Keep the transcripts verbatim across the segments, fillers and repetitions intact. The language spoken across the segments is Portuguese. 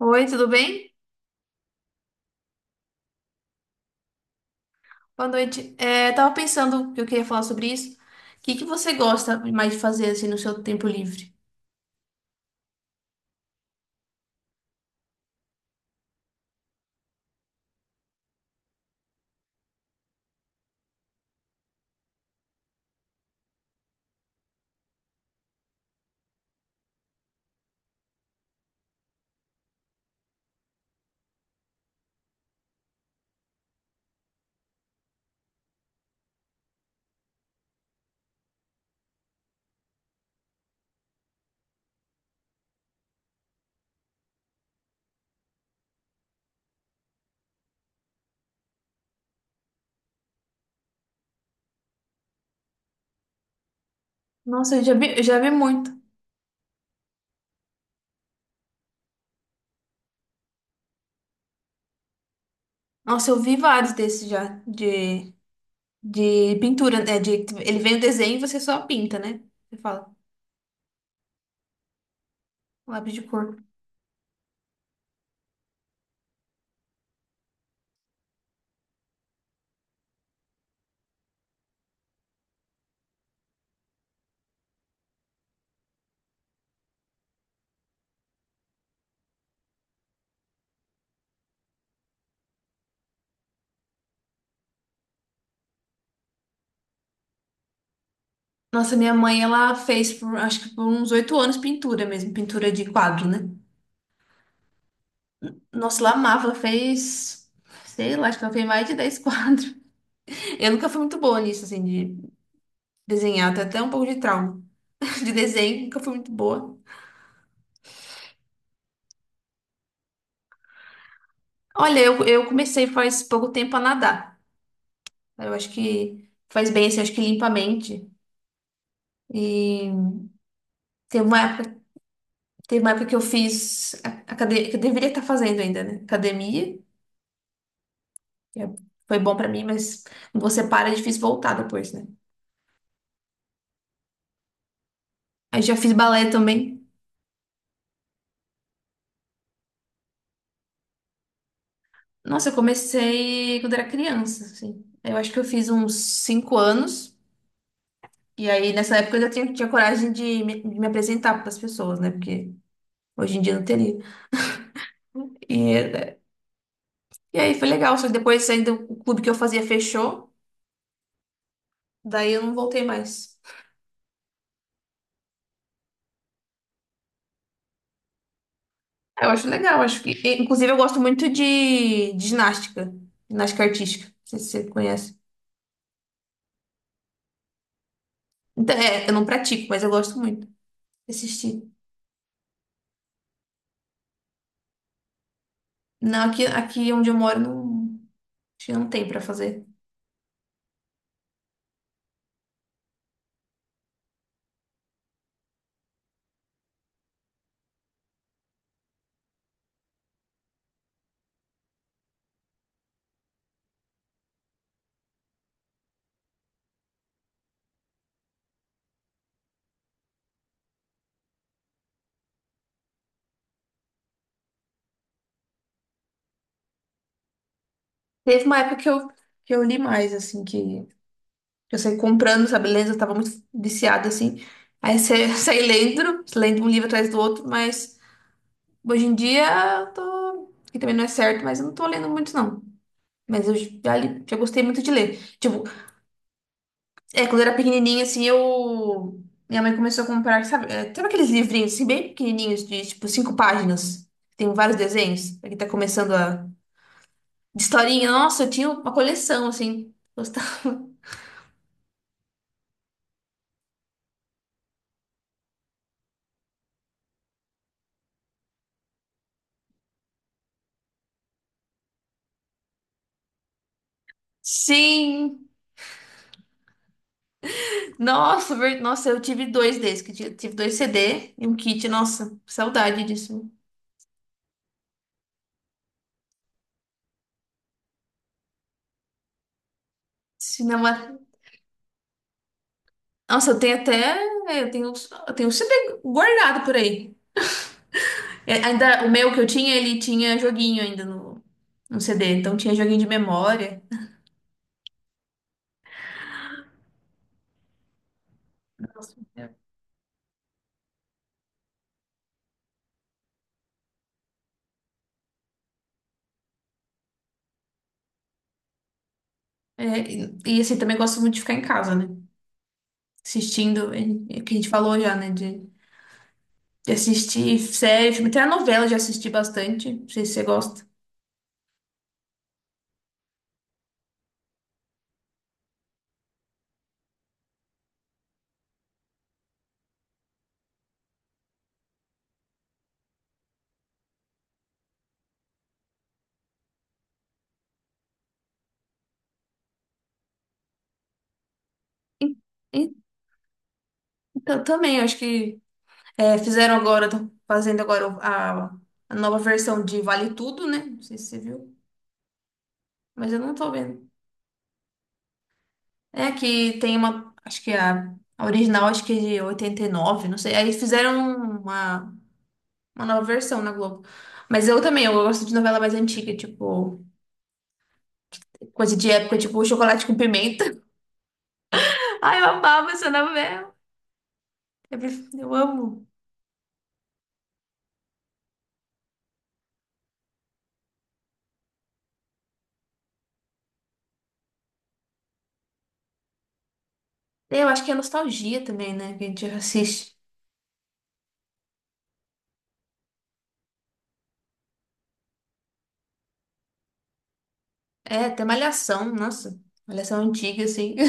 Oi, tudo bem? Boa noite. É, tava pensando que eu queria falar sobre isso. O que que você gosta mais de fazer assim no seu tempo livre? Nossa, eu já vi, eu já vi muito. Nossa, eu vi vários desses já de, de pintura, né? De, ele vem o desenho e você só pinta, né? Você fala, lápis de cor. Nossa, minha mãe, ela fez por, acho que por uns oito anos pintura mesmo, pintura de quadro, né? Nossa, ela amava, ela fez, sei lá, acho que ela fez mais de dez quadros. Eu nunca fui muito boa nisso, assim, de desenhar, até até um pouco de trauma de desenho, nunca fui muito boa. Olha, eu, eu comecei faz pouco tempo a nadar. Eu acho que faz bem, assim, eu acho que limpa a mente. E teve uma época, teve uma época que eu fiz academia, que eu deveria estar fazendo ainda, né? Academia, que é- foi bom pra mim, mas quando você para, é difícil voltar depois, né? Aí já fiz balé também. Nossa, eu comecei quando era criança, assim. Eu acho que eu fiz uns cinco anos. E aí, nessa época, eu já tinha, tinha coragem de me, de me apresentar para as pessoas, né? Porque hoje em dia eu não teria. E, e aí foi legal, só que depois ainda o clube que eu fazia fechou, daí eu não voltei mais. Eu acho legal, acho que. e, Inclusive, eu gosto muito de, de ginástica, ginástica artística. Não sei se você conhece. Então, é, eu não pratico, mas eu gosto muito de assistir. Não, aqui, aqui onde eu moro não, acho que não tem pra fazer. Teve uma época que eu, que eu li mais, assim, que, que eu saí comprando, sabe, lendo, eu tava muito viciada, assim. Aí você saí lendo, lendo um livro atrás do outro, mas. Hoje em dia, eu tô, que também não é certo, mas eu não tô lendo muito, não. Mas eu já, li- já gostei muito de ler. Tipo, é, quando eu era pequenininha, assim, eu. Minha mãe começou a comprar, sabe? É, sabe aqueles livrinhos, assim, bem pequenininhos, de, tipo, cinco páginas? Tem vários desenhos. Pra quem tá começando a. De historinha. Nossa, eu tinha uma coleção, assim. Gostava. Sim! Nossa, ver- nossa, eu tive dois desses. Que eu Tive tive dois C D e um kit. Nossa, saudade disso. Cinema. Nossa, eu tenho até. Eu tenho, eu tenho um sempre guardado por aí. É, ainda, o meu que eu tinha, ele tinha joguinho ainda no, no C D, então tinha joguinho de memória. Nossa, é. É, e, e assim, também gosto muito de ficar em casa, né? Assistindo, é, é que a gente falou já, né? De, de assistir série, filme, até a novela eu já assisti bastante. Não sei se você gosta. E- e- Então, também, acho que é, fizeram agora, estão fazendo agora a, a nova versão de Vale Tudo, né? Não sei se você viu, mas eu não tô vendo. É que tem uma, acho que a, a original acho que é de oitenta e nove não sei. Aí fizeram uma, uma nova versão na Globo. Mas eu também, eu gosto de novela mais antiga, tipo, coisa de época, tipo Chocolate com Pimenta. Ai, eu amava essa novela. Eu, pref- eu amo. É, eu acho que é nostalgia também, né, que a gente assiste. É, até Malhação, nossa. Malhação antiga, assim.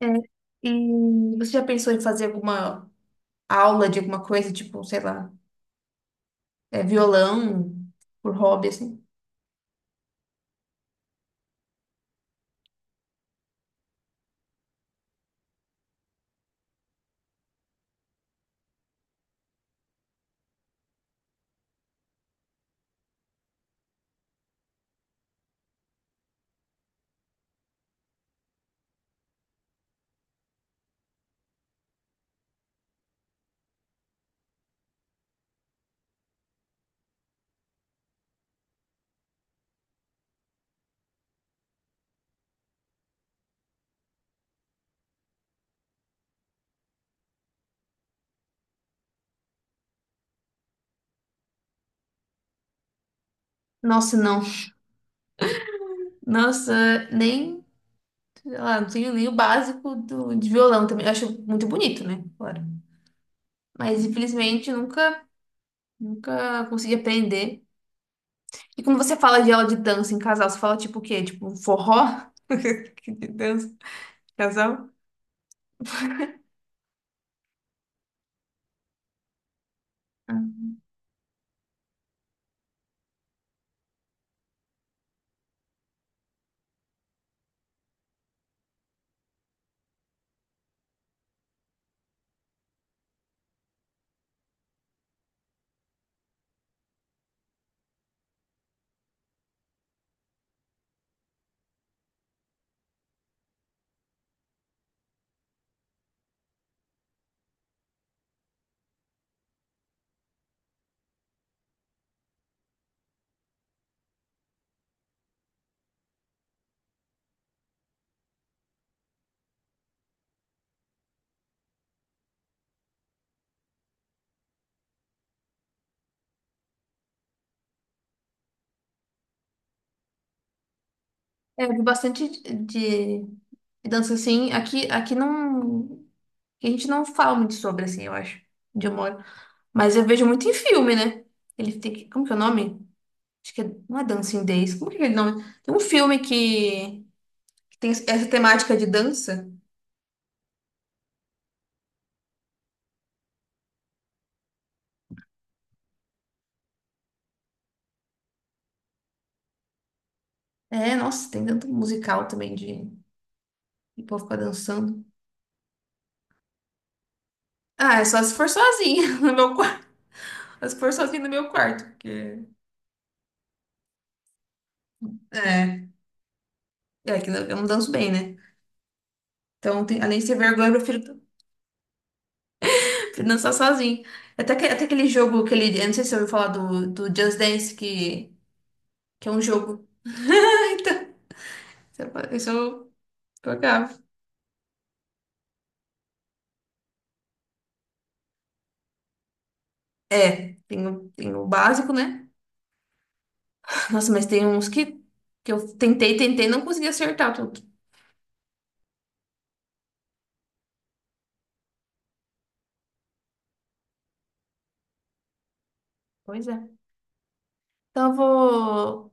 É, e você já pensou em fazer alguma aula de alguma coisa, tipo, sei lá, é, violão por hobby, assim? Nossa, não. Nossa, nem, sei lá, não tenho nem o básico do, de violão também. Eu acho muito bonito, né? Claro. Mas infelizmente eu nunca, nunca consegui aprender. E quando você fala de aula de dança em casal, você fala tipo o quê? Tipo forró? Que de dança, de casal? Ah. É, eu vi bastante de, de dança assim. Aqui, aqui não. aqui A gente não fala muito sobre, assim, eu acho, onde eu moro. Mas eu vejo muito em filme, né? Ele tem que. Como que é o nome? Acho que é, não é Dancing Days. Como que é aquele nome? Tem um filme que, que tem essa temática de dança. É, nossa, tem tanto musical também de, de povo ficar dançando. Ah, é só se for sozinha no meu quarto. Mas se for sozinha no meu quarto, porque. É, é que eu não danço bem, né? Então, tem- além de ter vergonha, eu prefiro, prefiro dançar sozinha. Até, que, até aquele jogo, aquele, eu não sei se você ouviu falar do, do Just Dance, que, que é um jogo. Então, isso eu jogava. É, tem o, tem o básico, né? Nossa, mas tem uns que, que eu tentei, tentei, não consegui acertar tudo. Pois é. Então eu vou.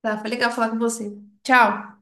Tá, foi legal falar com você. Tchau.